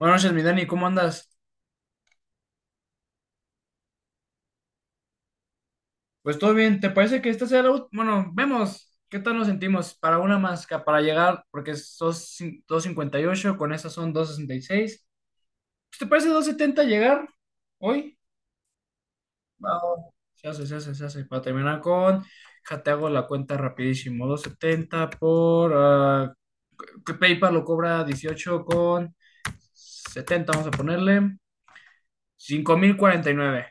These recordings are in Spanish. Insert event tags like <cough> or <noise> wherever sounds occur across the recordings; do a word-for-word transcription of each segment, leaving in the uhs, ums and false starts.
Buenas noches, mi Dani, ¿cómo andas? Pues todo bien, ¿te parece que esta sea la última? Bueno, vemos qué tal nos sentimos para una más, ca- para llegar, porque sos cin- doscientos cincuenta y ocho con esas son dos punto sesenta y seis. Pues, ¿te parece doscientos setenta llegar hoy? Va, va. Se hace, se hace, se hace. Para terminar con, ja, te hago la cuenta rapidísimo, doscientos setenta por, ah, que PayPal lo cobra dieciocho con setenta. Vamos a ponerle, cinco mil cuarenta y nueve,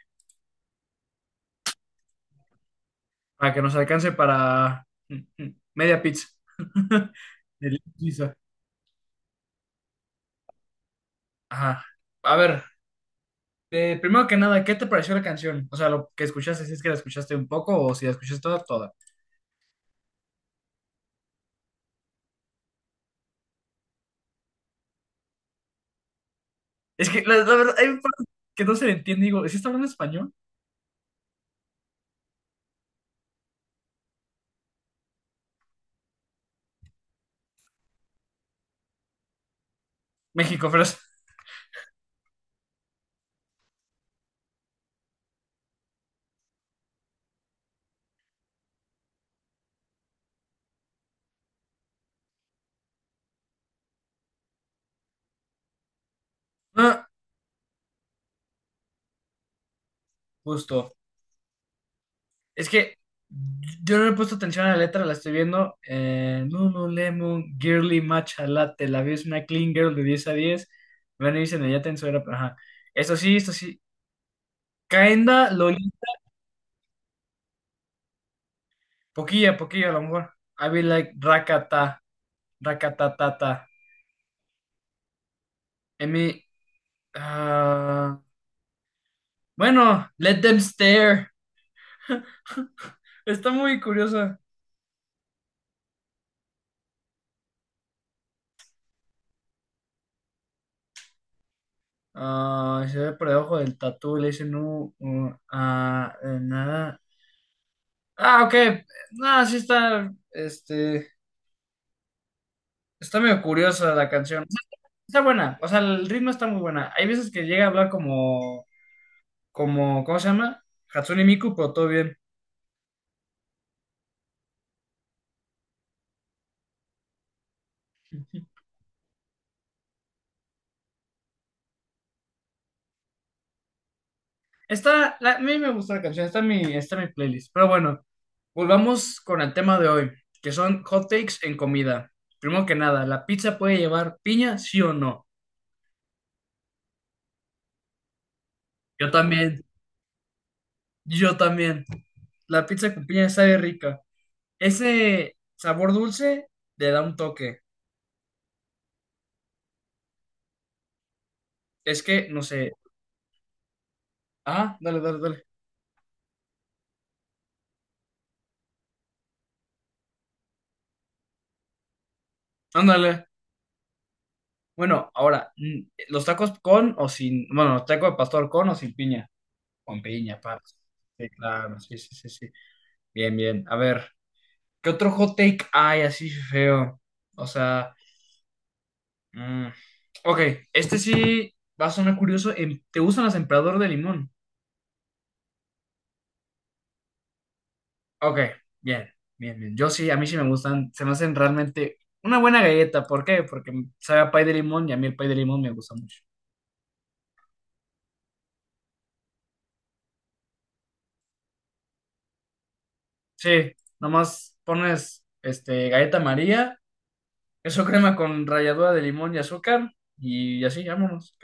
para que nos alcance para mm, mm, media pizza. <laughs> De pizza. Ajá. A ver, eh, primero que nada, ¿qué te pareció la canción? O sea, lo que escuchaste, si es que la escuchaste un poco o si la escuchaste toda, toda. Es que la, la verdad, hay un par que no se le entiende. Digo, ¿sí está hablando español? México, pero es- Ah, justo. Es que yo no le he puesto atención a la letra, la estoy viendo. Eh, Lululemon, Girly Matcha Latte, la vi, es una clean girl de diez a diez. Van a irse en ella tenso era, ajá. Esto sí, esto sí, Kaenda Loli, poquilla, poquilla a lo mejor. I be like rakata, rakatatata. I mean, ah, bueno, let them stare. <laughs> Está muy curiosa. Ah, se ve por debajo del tatu, le dicen no, uh, ah, eh, nada. Ah, ok. Ah, sí está, este, está medio curiosa la canción. Está buena, o sea, el ritmo está muy buena. Hay veces que llega a hablar como, como, ¿cómo se llama? Hatsune Miku, pero todo bien. Está, la- a mí me gusta la canción, está en mi, está en mi playlist. Pero bueno, volvamos con el tema de hoy, que son hot takes en comida. Primero que nada, ¿la pizza puede llevar piña, sí o no? Yo también, yo también. La pizza con piña sabe rica. Ese sabor dulce le da un toque. Es que no sé. Ah, dale, dale, dale. Ándale. Bueno, ahora, mm, los tacos con o sin, bueno, los tacos de pastor con o sin piña. Con piña, paps. Sí, claro, sí, sí, sí, sí. Bien, bien. A ver. ¿Qué otro hot take hay así feo? O sea, mm, ok, este sí va a sonar curioso. Em, ¿Te gustan las emperador de limón? Ok, bien, bien, bien. Yo sí, a mí sí me gustan, se me hacen realmente una buena galleta. ¿Por qué? Porque sabe a pay de limón y a mí el pay de limón me gusta mucho. Sí, nomás pones este, galleta María, eso crema con ralladura de limón y azúcar y así, vámonos.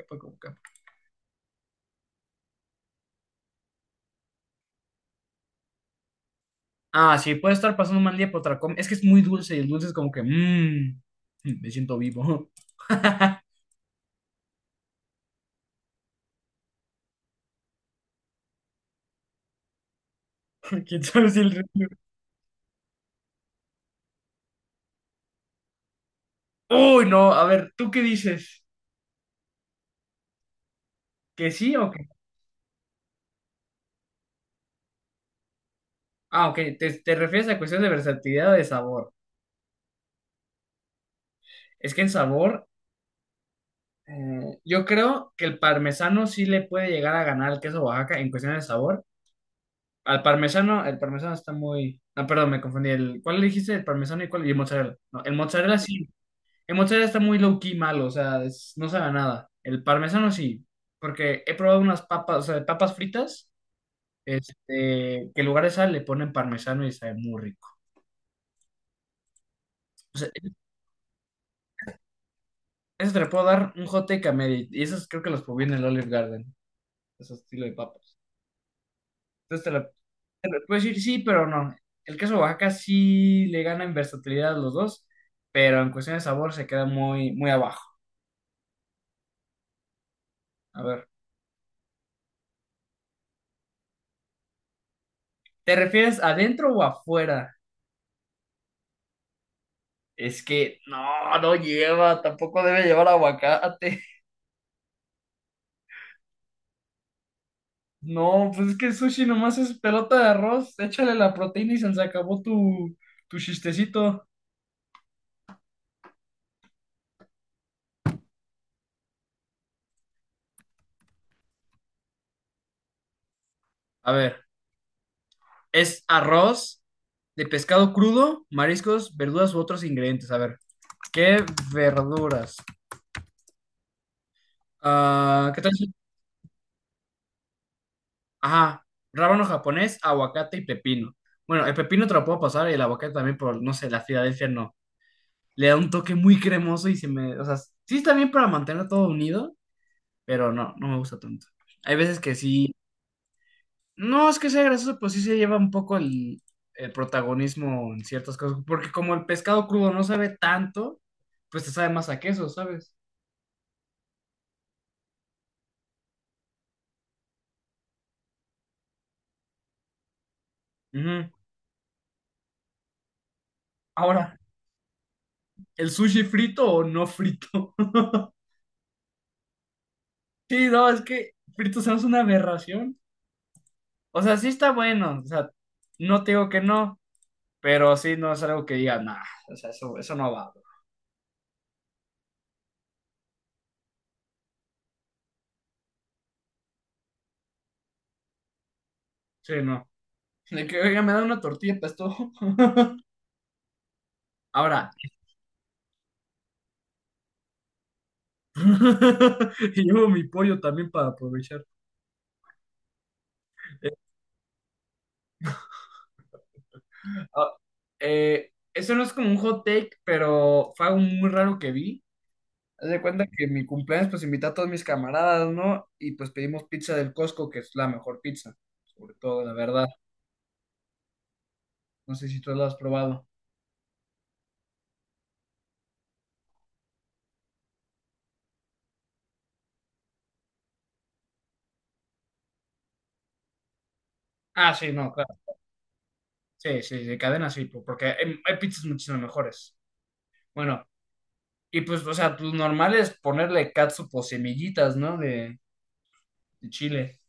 Ah, sí, puede estar pasando un mal día por otra com- es que es muy dulce y el dulce es como que, mmm, me siento vivo. <laughs> ¿Quién sabe si el resto-? Uy, no, a ver, ¿tú qué dices? ¿Que sí o que...? Ah, ok, te, te refieres a cuestiones de versatilidad o de sabor. Es que en sabor, eh, yo creo que el parmesano sí le puede llegar a ganar al queso Oaxaca en cuestiones de sabor. Al parmesano, el parmesano está muy... Ah, perdón, me confundí. El, ¿cuál le dijiste? El parmesano y cuál... Y el mozzarella. No, el mozzarella sí. El mozzarella está muy low key malo, o sea, es- no sabe a nada. El parmesano sí, porque he probado unas papas, o sea, de papas fritas, este, que en lugar de sal le ponen parmesano y sabe muy rico. O sea, eso te lo puedo dar un hot take a media, y esos creo que los probé en el Olive Garden, ese estilo de papas. Entonces te lo, te lo puedo decir sí, pero no. El queso Oaxaca sí le gana en versatilidad a los dos, pero en cuestión de sabor se queda muy, muy abajo. A ver, ¿te refieres adentro o afuera? Es que no, no lleva, tampoco debe llevar aguacate. <laughs> No, pues es que el sushi nomás es pelota de arroz, échale la proteína y se se acabó tu, tu chistecito. A ver, es arroz de pescado crudo, mariscos, verduras u otros ingredientes. A ver, ¿qué verduras? Ah, ¿qué tal? si- Ajá, rábano japonés, aguacate y pepino. Bueno, el pepino te lo puedo pasar y el aguacate también por, no sé, la Filadelfia no. Le da un toque muy cremoso y se me, o sea, sí está bien para mantenerlo todo unido, pero no, no me gusta tanto. Hay veces que sí, no es que sea grasoso, pues sí se lleva un poco el, el protagonismo en ciertas cosas, porque como el pescado crudo no sabe tanto, pues te sabe más a queso, ¿sabes? Ujú. Ahora, ¿el sushi frito o no frito? <laughs> Sí, no, es que frito se me hace una aberración. O sea, sí está bueno, o sea, no te digo que no, pero sí no es algo que diga, nah, o sea, eso, eso no va, bro". Sí, no. De que, oiga, me da una tortilla para esto. <laughs> Ahora, <laughs> y llevo mi pollo también para aprovechar. Eh, ah, eh, eso no es como un hot take, pero fue algo muy raro que vi. Haz de cuenta que en mi cumpleaños, pues invité a todos mis camaradas, ¿no? Y pues pedimos pizza del Costco, que es la mejor pizza, sobre todo, la verdad. No sé si tú la has probado. Ah, sí, no, claro. Sí, sí, de cadena sí, po- porque hay, hay pizzas muchísimo mejores. Bueno, y pues, o sea, pues normal es ponerle catsup o semillitas, ¿no? De, de chile.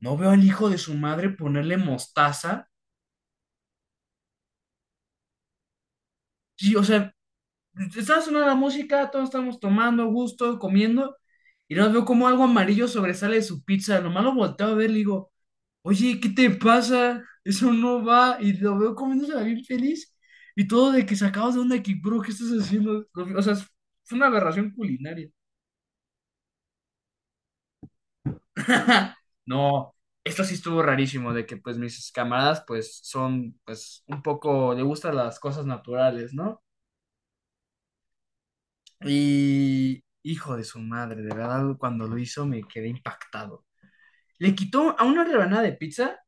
No veo al hijo de su madre ponerle mostaza. Sí, o sea, estaba sonando la música, todos estamos tomando, a gusto, comiendo, y luego veo como algo amarillo sobresale de su pizza. Nomás lo volteo a ver, le digo, oye, ¿qué te pasa? Eso no va. Y lo veo comiéndose bien feliz. Y todo de que sacabas de onda, de que, bro, ¿qué estás haciendo? O sea, fue una aberración culinaria. <laughs> No, esto sí estuvo rarísimo, de que pues mis camaradas pues son pues un poco, le gustan las cosas naturales, ¿no? Y hijo de su madre, de verdad, cuando lo hizo me quedé impactado. Le quitó a una rebanada de pizza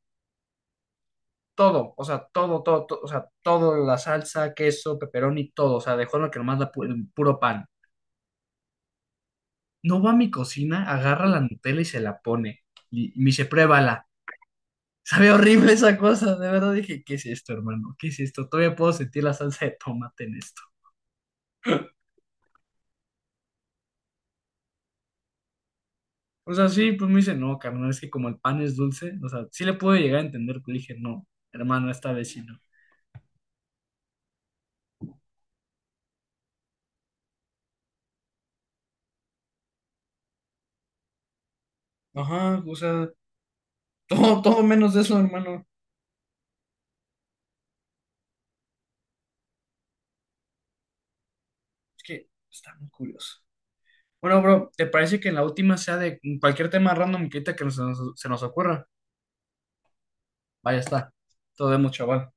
todo, o sea, todo, todo, todo, o sea, todo, la salsa, queso, pepperoni, todo, o sea, dejó lo que nomás la pu- el puro pan. No, va a mi cocina, agarra la Nutella y se la pone. Y, y me dice, pruébala. <laughs> Sabe horrible esa cosa, de verdad dije, ¿qué es esto, hermano? ¿Qué es esto? Todavía puedo sentir la salsa de tomate en esto. O sea, sí, pues me dice, no, carnal, es que como el pan es dulce, o sea, sí le puedo llegar a entender, pero dije, no, hermano, esta vez sí no. Ajá, o sea, <laughs> todo, todo menos de eso, hermano. Es que está muy curioso. Bueno, bro, ¿te parece que en la última sea de cualquier tema random que ahorita que nos- se nos ocurra? Vaya está. Todo vemos, chaval.